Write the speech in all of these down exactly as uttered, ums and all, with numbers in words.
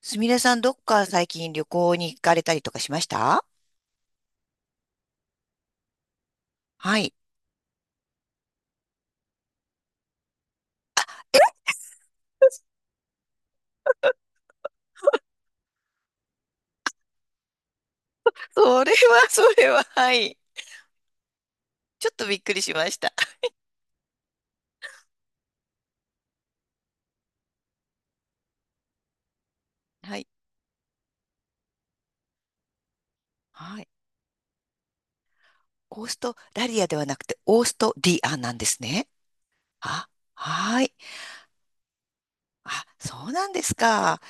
すみれさん、どっか最近旅行に行かれたりとかしました？はい。それは、それは、はい。ちょっとびっくりしました。はい。はい。オーストラリアではなくて、オーストリアなんですね。あ、はい。あ、そうなんですか。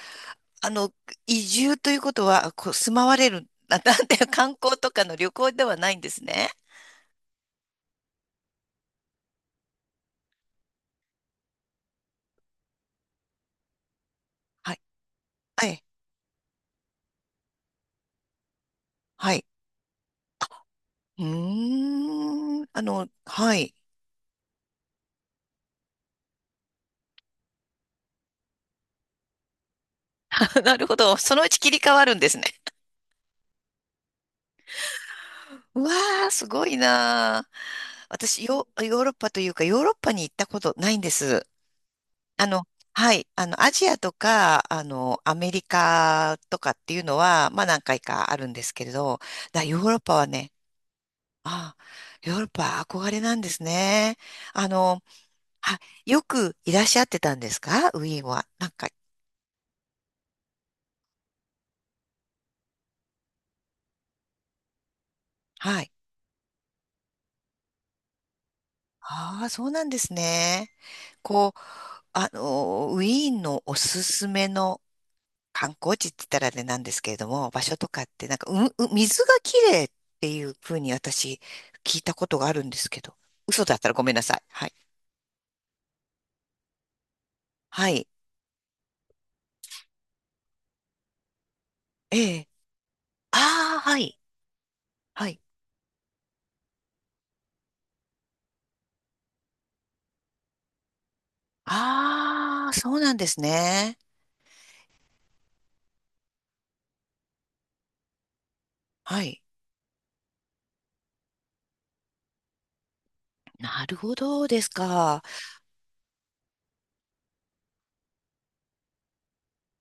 あの、移住ということは、こう、住まわれる、な、なんて、観光とかの旅行ではないんですね。はい。はい。はい。うーん。あの、はい。なるほど。そのうち切り替わるんですね。うわー、すごいなー。私、ヨ、ヨーロッパというか、ヨーロッパに行ったことないんです。あの、はい、あの、アジアとか、あの、アメリカとかっていうのは、まあ何回かあるんですけれど、だヨーロッパはね、ああ、ヨーロッパは憧れなんですね。あの、は、よくいらっしゃってたんですかウィーンは？なんか、はい。ああ、そうなんですね。こう、あの、ウィーンのおすすめの観光地って言ったらあれなんですけれども、場所とかって、なんか、う、う水がきれいっていうふうに私、聞いたことがあるんですけど、嘘だったらごめんなさい。はい。はい。ええ。ああ、はい。はい。ああ、そうなんですね。はい。なるほどですか。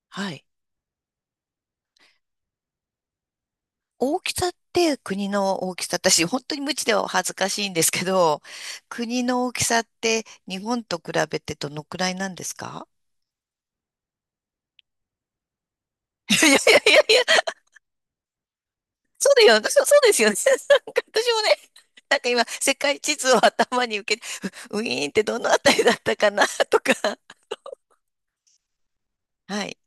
はい。大きさって国の大きさ、私、本当に無知では恥ずかしいんですけど、国の大きさって日本と比べてどのくらいなんですか？ いやいやいやいや そうだよ、そうそうですよね。なんか私もね、なんか今、世界地図を頭に受け、ウウィーンってどのあたりだったかな、とか。はい。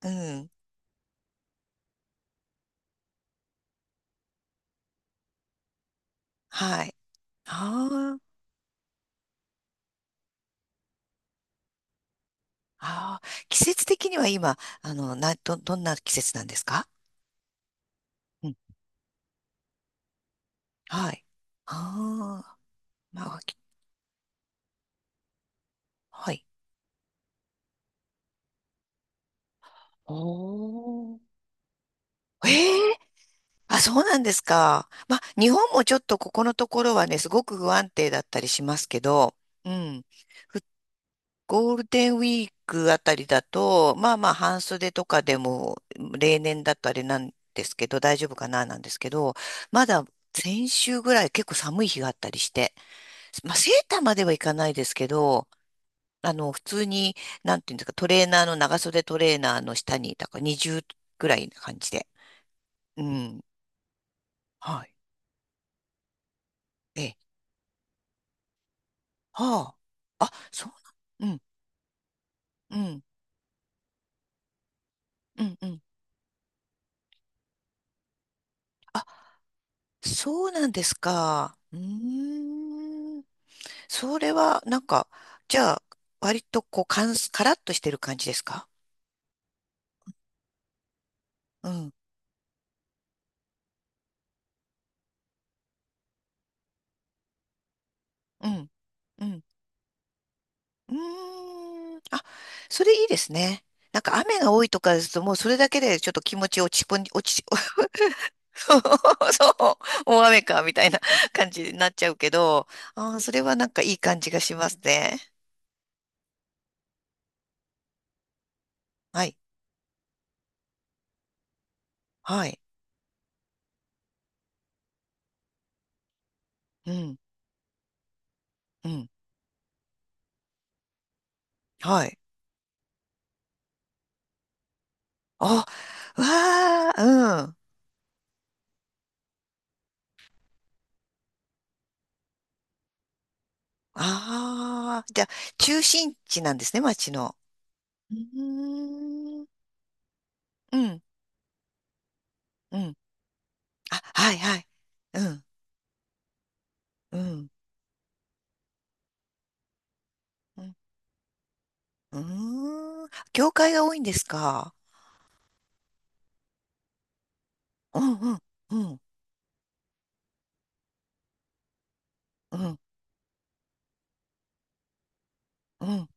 うん。はい。あーあー。季節的には今、あの、な、ど、どんな季節なんですか？うん。はい。ああ。まあ、きはい。おー。ええあ、そうなんですか。まあ、日本もちょっとここのところはね、すごく不安定だったりしますけど、うん。ゴールデンウィークあたりだと、まあまあ半袖とかでも例年だとあれなんですけど、大丈夫かななんですけど、まだ先週ぐらい結構寒い日があったりして、まあセーターまではいかないですけど、あの、普通に、なんていうんですか、トレーナーの、長袖トレーナーの下に、だからにじゅうぐらいな感じで。うん。はい。ええ。はあ。あ、そうな、うん、うん、うん、うん。あ、そうなんですか。うーん。それは、なんか、じゃあ、割とこう、かん、カラッとしてる感じですか？うん、うん、うん。うーん。あ、それいいですね。なんか雨が多いとかですと、もうそれだけでちょっと気持ち落ち込ん、落ち、そう、大雨か、みたいな感じになっちゃうけど、あー、それはなんかいい感じがしますね。はい、はい、うん、うん、はい。あ、わあ、うん。ああ、じゃあ、中心地なんですね、町の。うーん。うん。うん。あ、はいはい。うん。うん。うん。うーん。教会が多いんですか？うんうん。うん。うん。うん。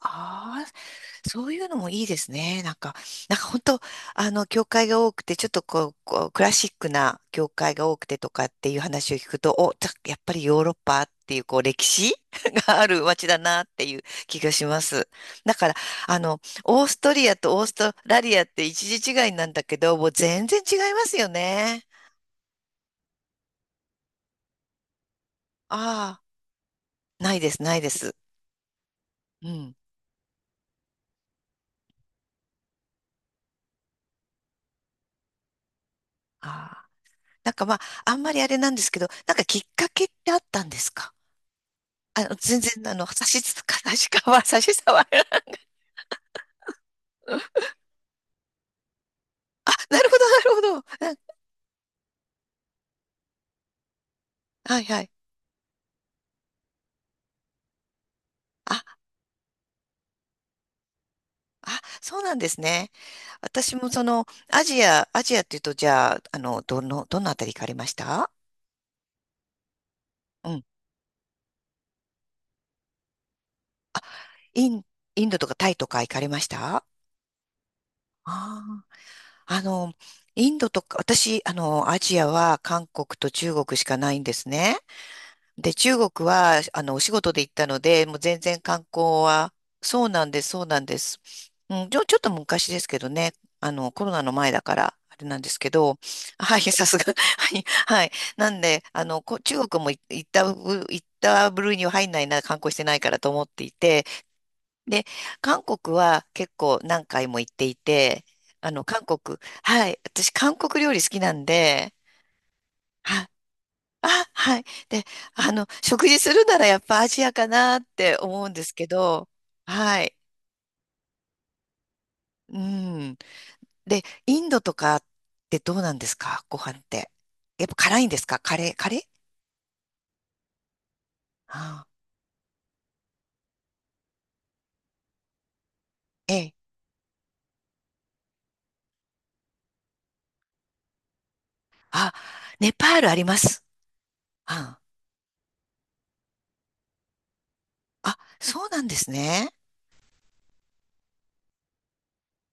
ああ、そういうのもいいですね。なんか、なんか本当、あの、教会が多くて、ちょっとこう、こうクラシックな教会が多くてとかっていう話を聞くと、お、たやっぱりヨーロッパっていう、こう、歴史 がある街だなっていう気がします。だから、あの、オーストリアとオーストラリアって一時違いなんだけど、もう全然違いますよね。ああ、ないです、ないです。うん。ああ。なんかまあ、あんまりあれなんですけど、なんかきっかけってあったんですか？あの、全然、あの、差し支え、差しかわ、差し障らない。あ、なるほど、なるほど。うんはいはい。あ、あ、そうなんですね。私もその、アジア、アジアっていうと、じゃあ、あの、どの、どのあたり行かれました？うん。イン、インドとかタイとか行かれましたあ？あー、あの、インドとか、私、あの、アジアは韓国と中国しかないんですね。で、中国は、あの、お仕事で行ったので、もう全然観光は、そうなんです、そうなんです。うん、ちょ、ちょっと昔ですけどね、あの、コロナの前だから、あれなんですけど、はい、さすが、はい、はい。なんで、あの、こ、中国もい行ったぶ、行った部類には入んないな、観光してないからと思っていて、で、韓国は結構何回も行っていて、あの、韓国、はい、私、韓国料理好きなんで、あ、はい。で、あの、食事するならやっぱアジアかなって思うんですけど、はい。うん。で、インドとかってどうなんですかご飯って？やっぱ辛いんですかカレー、カレー？ああ、ええ。あ、ネパールあります。ああ、あそうなんですね。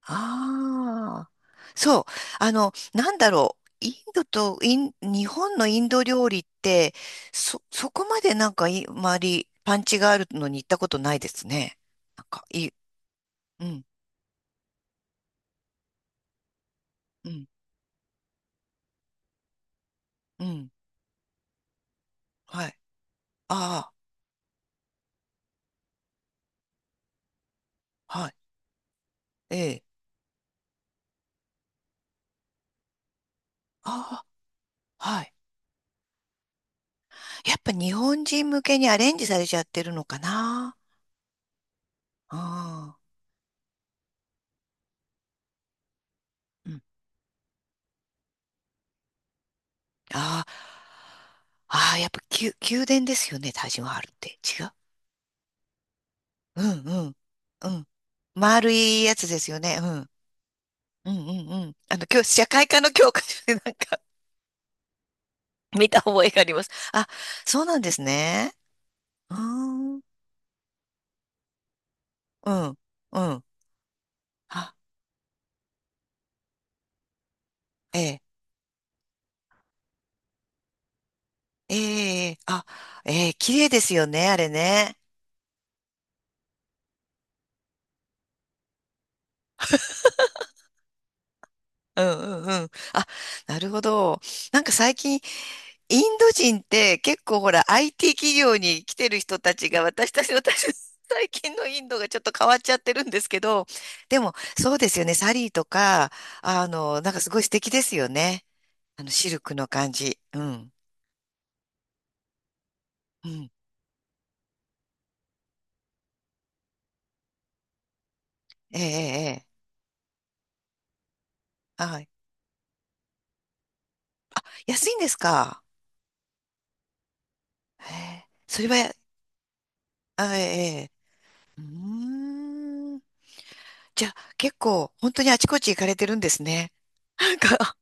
ああ、そう。あの、なんだろう。インドとイン、日本のインド料理って、そ、そこまでなんかい、周り、パンチがあるのに行ったことないですね。なんか、いい、うん、うん、うん、はい。ああ、はい。ええ。ああ、はい。やっぱ日本人向けにアレンジされちゃってるのかな。ああ、うん。ああ、ああ、やっぱ宮、宮殿ですよね、タージマハルって。うんうん。うん。丸いやつですよね。うん。うんうんうん。あの、今日、社会科の教科書でなんか 見た覚えがあります。あ、そうなんですね。うーん。うん。うん。あ、ええ。ええ。あ、ええ、綺麗ですよね、あれね。うんうんうん。あ、なるほど。なんか最近、インド人って結構ほら アイティー 企業に来てる人たちが私たち、私、最近のインドがちょっと変わっちゃってるんですけど、でもそうですよね、サリーとか、あの、なんかすごい素敵ですよね。あの、シルクの感じ。うん。うん。ええ、ええ、ええはい。安いんですか？へえそれは、あええ、ええうーん。じゃあ結構本当にあちこち行かれてるんですね。なんか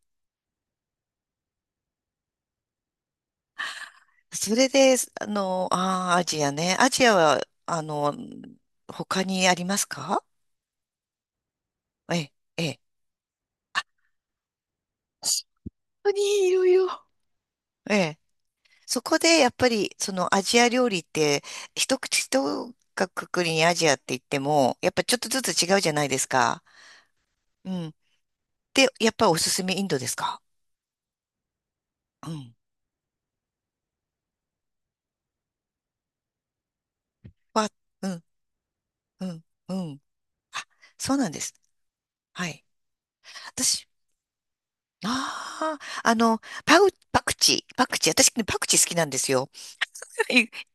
それで、あの、ああ、アジアね。アジアは、あの、他にありますか？ええ、ええ、本当にいろいろ。ええ。そこで、やっぱり、そのアジア料理って、一口、一括りにアジアって言っても、やっぱちょっとずつ違うじゃないですか。うん。で、やっぱおすすめインドですか？うん。はうん、うん、うん。あ、そうなんです。はい。私、ああ、あの、パウ、パクチー、パクチー、私ね、パクチー好きなんですよ。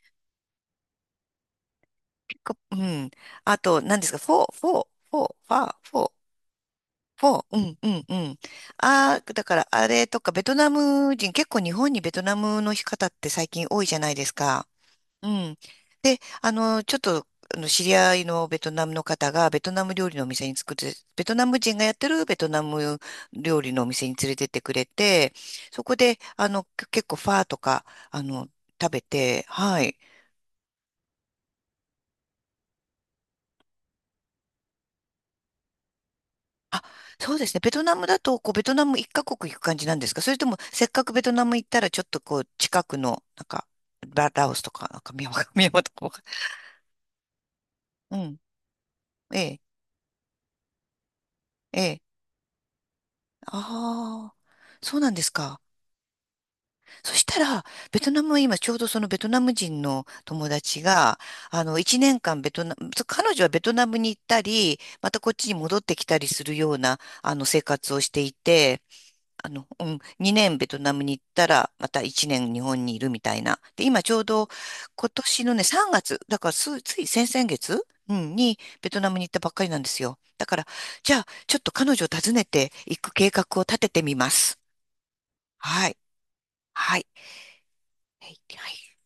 か、うん。あと、何ですか、フォー、フォー、フォー、ファー、フォー、フォー、うん、うん、うん。ああ、だから、あれとか、ベトナム人、結構日本にベトナムの方って最近多いじゃないですか。うん。で、あの、ちょっと、あの、知り合いのベトナムの方が、ベトナム料理のお店に作って、ベトナム人がやってるベトナム料理のお店に連れてってくれて、そこで、あの、け結構ファーとか、あの、食べて、はい。あ、そうですね。ベトナムだと、こう、ベトナム一カ国行く感じなんですか？それとも、せっかくベトナム行ったら、ちょっとこう、近くの、なんか、ラ、ラオスとか、なんか、ミャンマー、ミャンマーとかわかん、うん。ええ、ええ。ああ、そうなんですか。そしたら、ベトナムは今、ちょうどそのベトナム人の友達が、あの、一年間ベトナム、そう彼女はベトナムに行ったり、またこっちに戻ってきたりするような、あの、生活をしていて、あの、うん、にねんベトナムに行ったら、またいちねん日本にいるみたいな。で、今ちょうど今年のね、さんがつ、だからすつい先々月、うん、にベトナムに行ったばっかりなんですよ。だから、じゃあ、ちょっと彼女を訪ねていく計画を立ててみます。はい。はい。はい。はい。